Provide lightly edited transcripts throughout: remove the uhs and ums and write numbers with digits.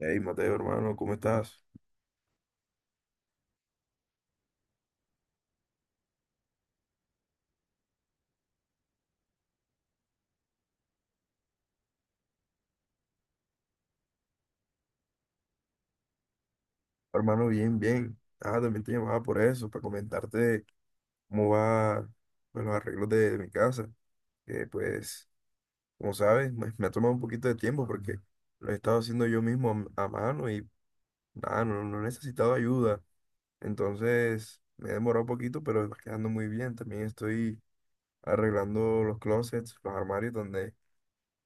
Hey, Mateo, hermano, ¿cómo estás? Hermano, bien, bien. Ah, también te llamaba por eso, para comentarte cómo va pues, los arreglos de mi casa. Que pues, como sabes, me ha tomado un poquito de tiempo porque lo he estado haciendo yo mismo a mano y nada, no he necesitado ayuda. Entonces, me he demorado un poquito, pero va quedando muy bien. También estoy arreglando los closets, los armarios donde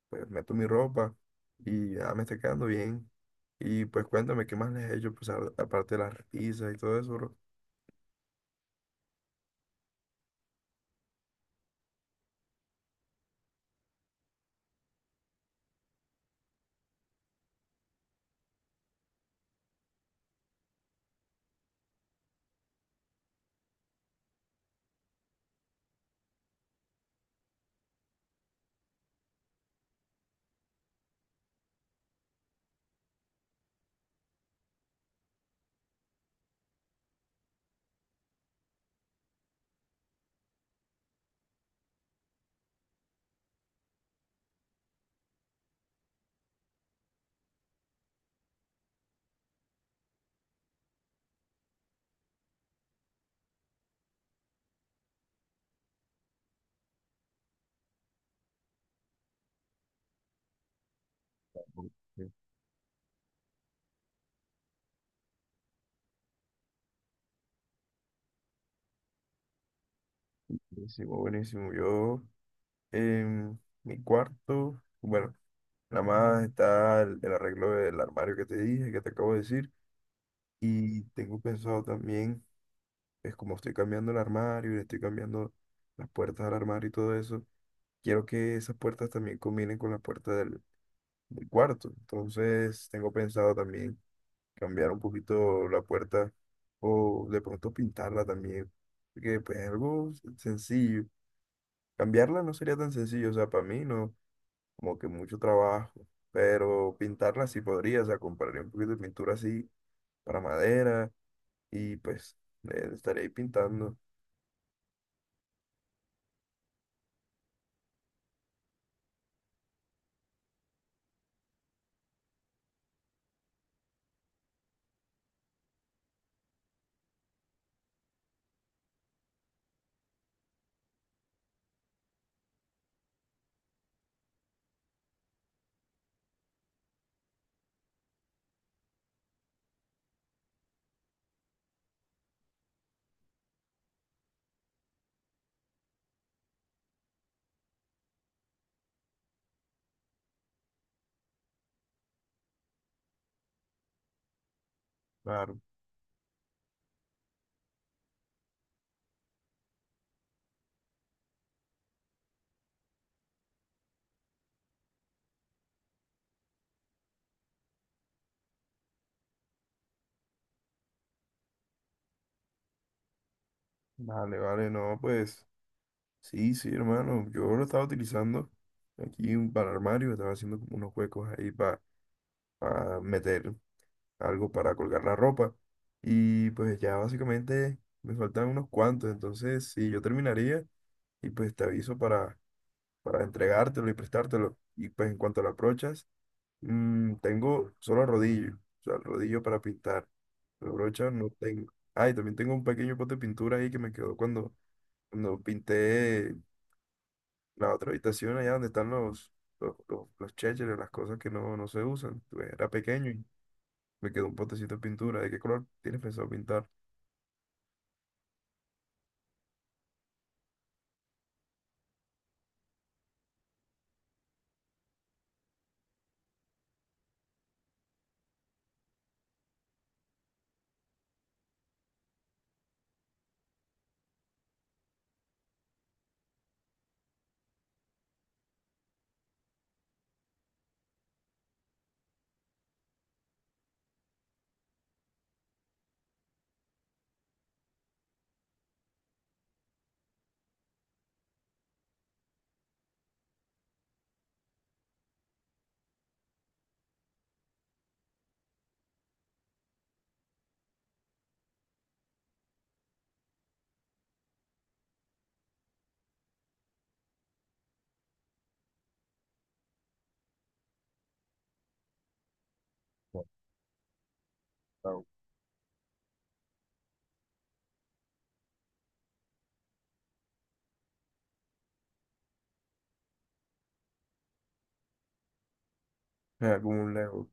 pues meto mi ropa y ya me está quedando bien. Y pues cuéntame, ¿qué más les he hecho? Pues aparte de las risas y todo eso, bro. Bu- Buenísimo, buenísimo. Yo en mi cuarto, bueno, nada más está el arreglo del armario que te dije, que te acabo de decir. Y tengo pensado también, es como estoy cambiando el armario y le estoy cambiando las puertas del armario y todo eso, quiero que esas puertas también combinen con la puerta del cuarto. Entonces tengo pensado también cambiar un poquito la puerta o de pronto pintarla también, porque pues algo sencillo. Cambiarla no sería tan sencillo, o sea, para mí no, como que mucho trabajo, pero pintarla sí podría, o sea, compraría un poquito de pintura así para madera y pues estaré ahí pintando. Claro, vale, vale, no, pues sí, sí, hermano, yo lo estaba utilizando aquí para el armario, estaba haciendo como unos huecos ahí para meter algo para colgar la ropa. Y pues ya básicamente me faltan unos cuantos, entonces sí, yo terminaría y pues te aviso para entregártelo y prestártelo. Y pues en cuanto a las brochas, mm, tengo solo el rodillo, o sea, el rodillo para pintar. La brocha no tengo. Ah, y también tengo un pequeño pote de pintura ahí que me quedó cuando pinté la otra habitación allá donde están los chécheres, las cosas que no se usan. Pues, era pequeño y me quedó un potecito de pintura. ¿De qué color tienes pensado pintar? Ah, como un Lego.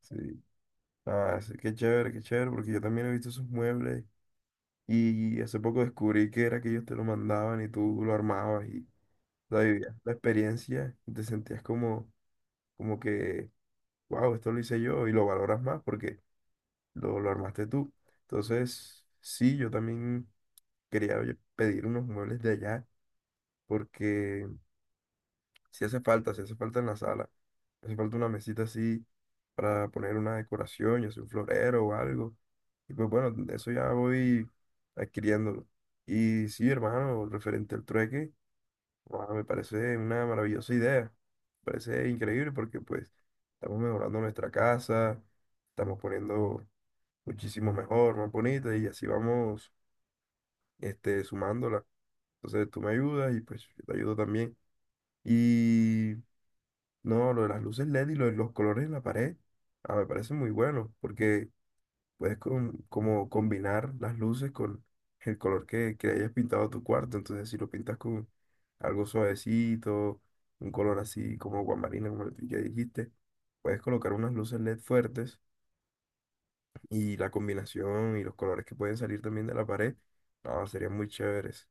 Sí. Ah, sí, qué chévere, porque yo también he visto esos muebles y hace poco descubrí que era que ellos te lo mandaban y tú lo armabas y la vivías la experiencia y te sentías como, como que, wow, esto lo hice yo y lo valoras más porque lo armaste tú. Entonces, sí, yo también quería oye, pedir unos muebles de allá porque si hace falta, si hace falta en la sala. Hace falta una mesita así para poner una decoración, ya sea un florero o algo. Y pues bueno, eso ya voy adquiriéndolo. Y sí, hermano, referente al trueque, guau, me parece una maravillosa idea. Me parece increíble porque pues estamos mejorando nuestra casa, estamos poniendo muchísimo mejor, más bonita y así vamos este, sumándola. Entonces tú me ayudas y pues yo te ayudo también. Y no, lo de las luces LED y lo de los colores en la pared, ah, me parece muy bueno, porque puedes con como combinar las luces con el color que hayas pintado tu cuarto. Entonces, si lo pintas con algo suavecito, un color así como guamarina, como el que dijiste, puedes colocar unas luces LED fuertes y la combinación y los colores que pueden salir también de la pared, no, serían muy chéveres.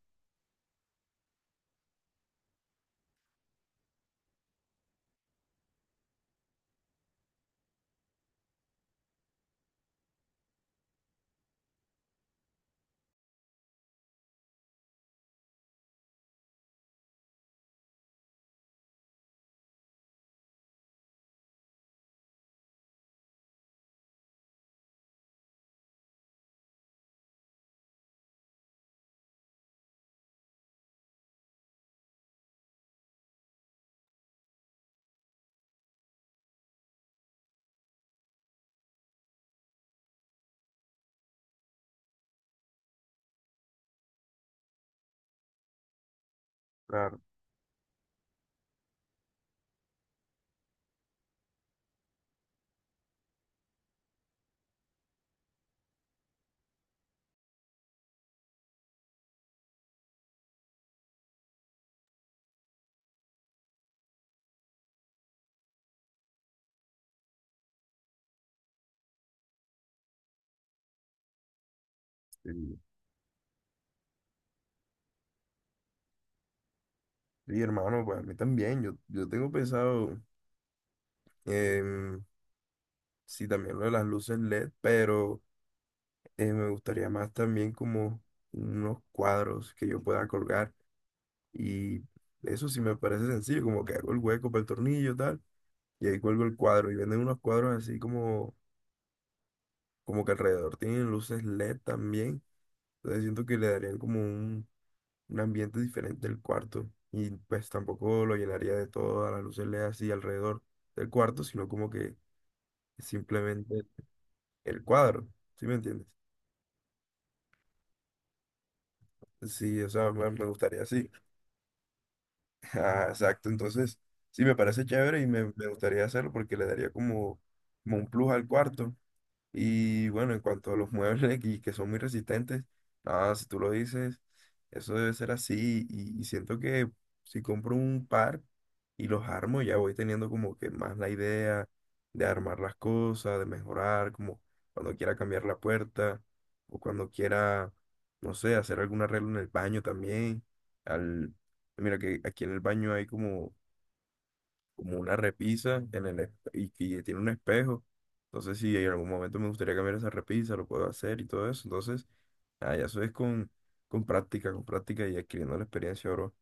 Claro, sí. Sí, hermano, pues a mí también, yo tengo pensado... em, sí, también lo de las luces LED, pero me gustaría más también como unos cuadros que yo pueda colgar. Y eso sí me parece sencillo, como que hago el hueco para el tornillo, tal, y ahí cuelgo el cuadro. Y venden unos cuadros así como, como que alrededor tienen luces LED también. Entonces siento que le darían como un ambiente diferente al cuarto. Y pues tampoco lo llenaría de todas las luces LED así alrededor del cuarto, sino como que simplemente el cuadro. ¿Sí me entiendes? Sí, o sea, me gustaría, sí. Ah, exacto. Entonces, sí, me parece chévere y me gustaría hacerlo porque le daría como, como un plus al cuarto. Y bueno, en cuanto a los muebles y que son muy resistentes, nada, si tú lo dices, eso debe ser así. Y siento que si compro un par y los armo, ya voy teniendo como que más la idea de armar las cosas, de mejorar, como cuando quiera cambiar la puerta o cuando quiera, no sé, hacer algún arreglo en el baño también. Al, mira que aquí en el baño hay como como una repisa en el, y que tiene un espejo. Entonces, si en algún momento me gustaría cambiar esa repisa, lo puedo hacer y todo eso. Entonces, ah, ya eso es con práctica y adquiriendo la experiencia, bro.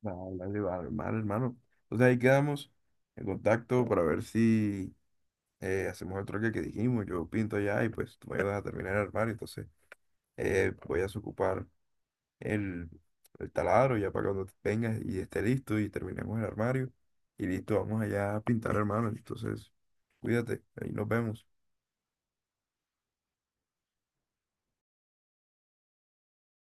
Vale, dale, vale, vale, hermano. Entonces ahí quedamos en contacto para ver si hacemos el troque que dijimos. Yo pinto allá y pues tú me ayudas a terminar el armario. Entonces voy a desocupar el, el taladro ya para cuando vengas y esté listo y terminemos el armario. Y listo, vamos allá a pintar, hermano. Entonces, cuídate, ahí nos vemos.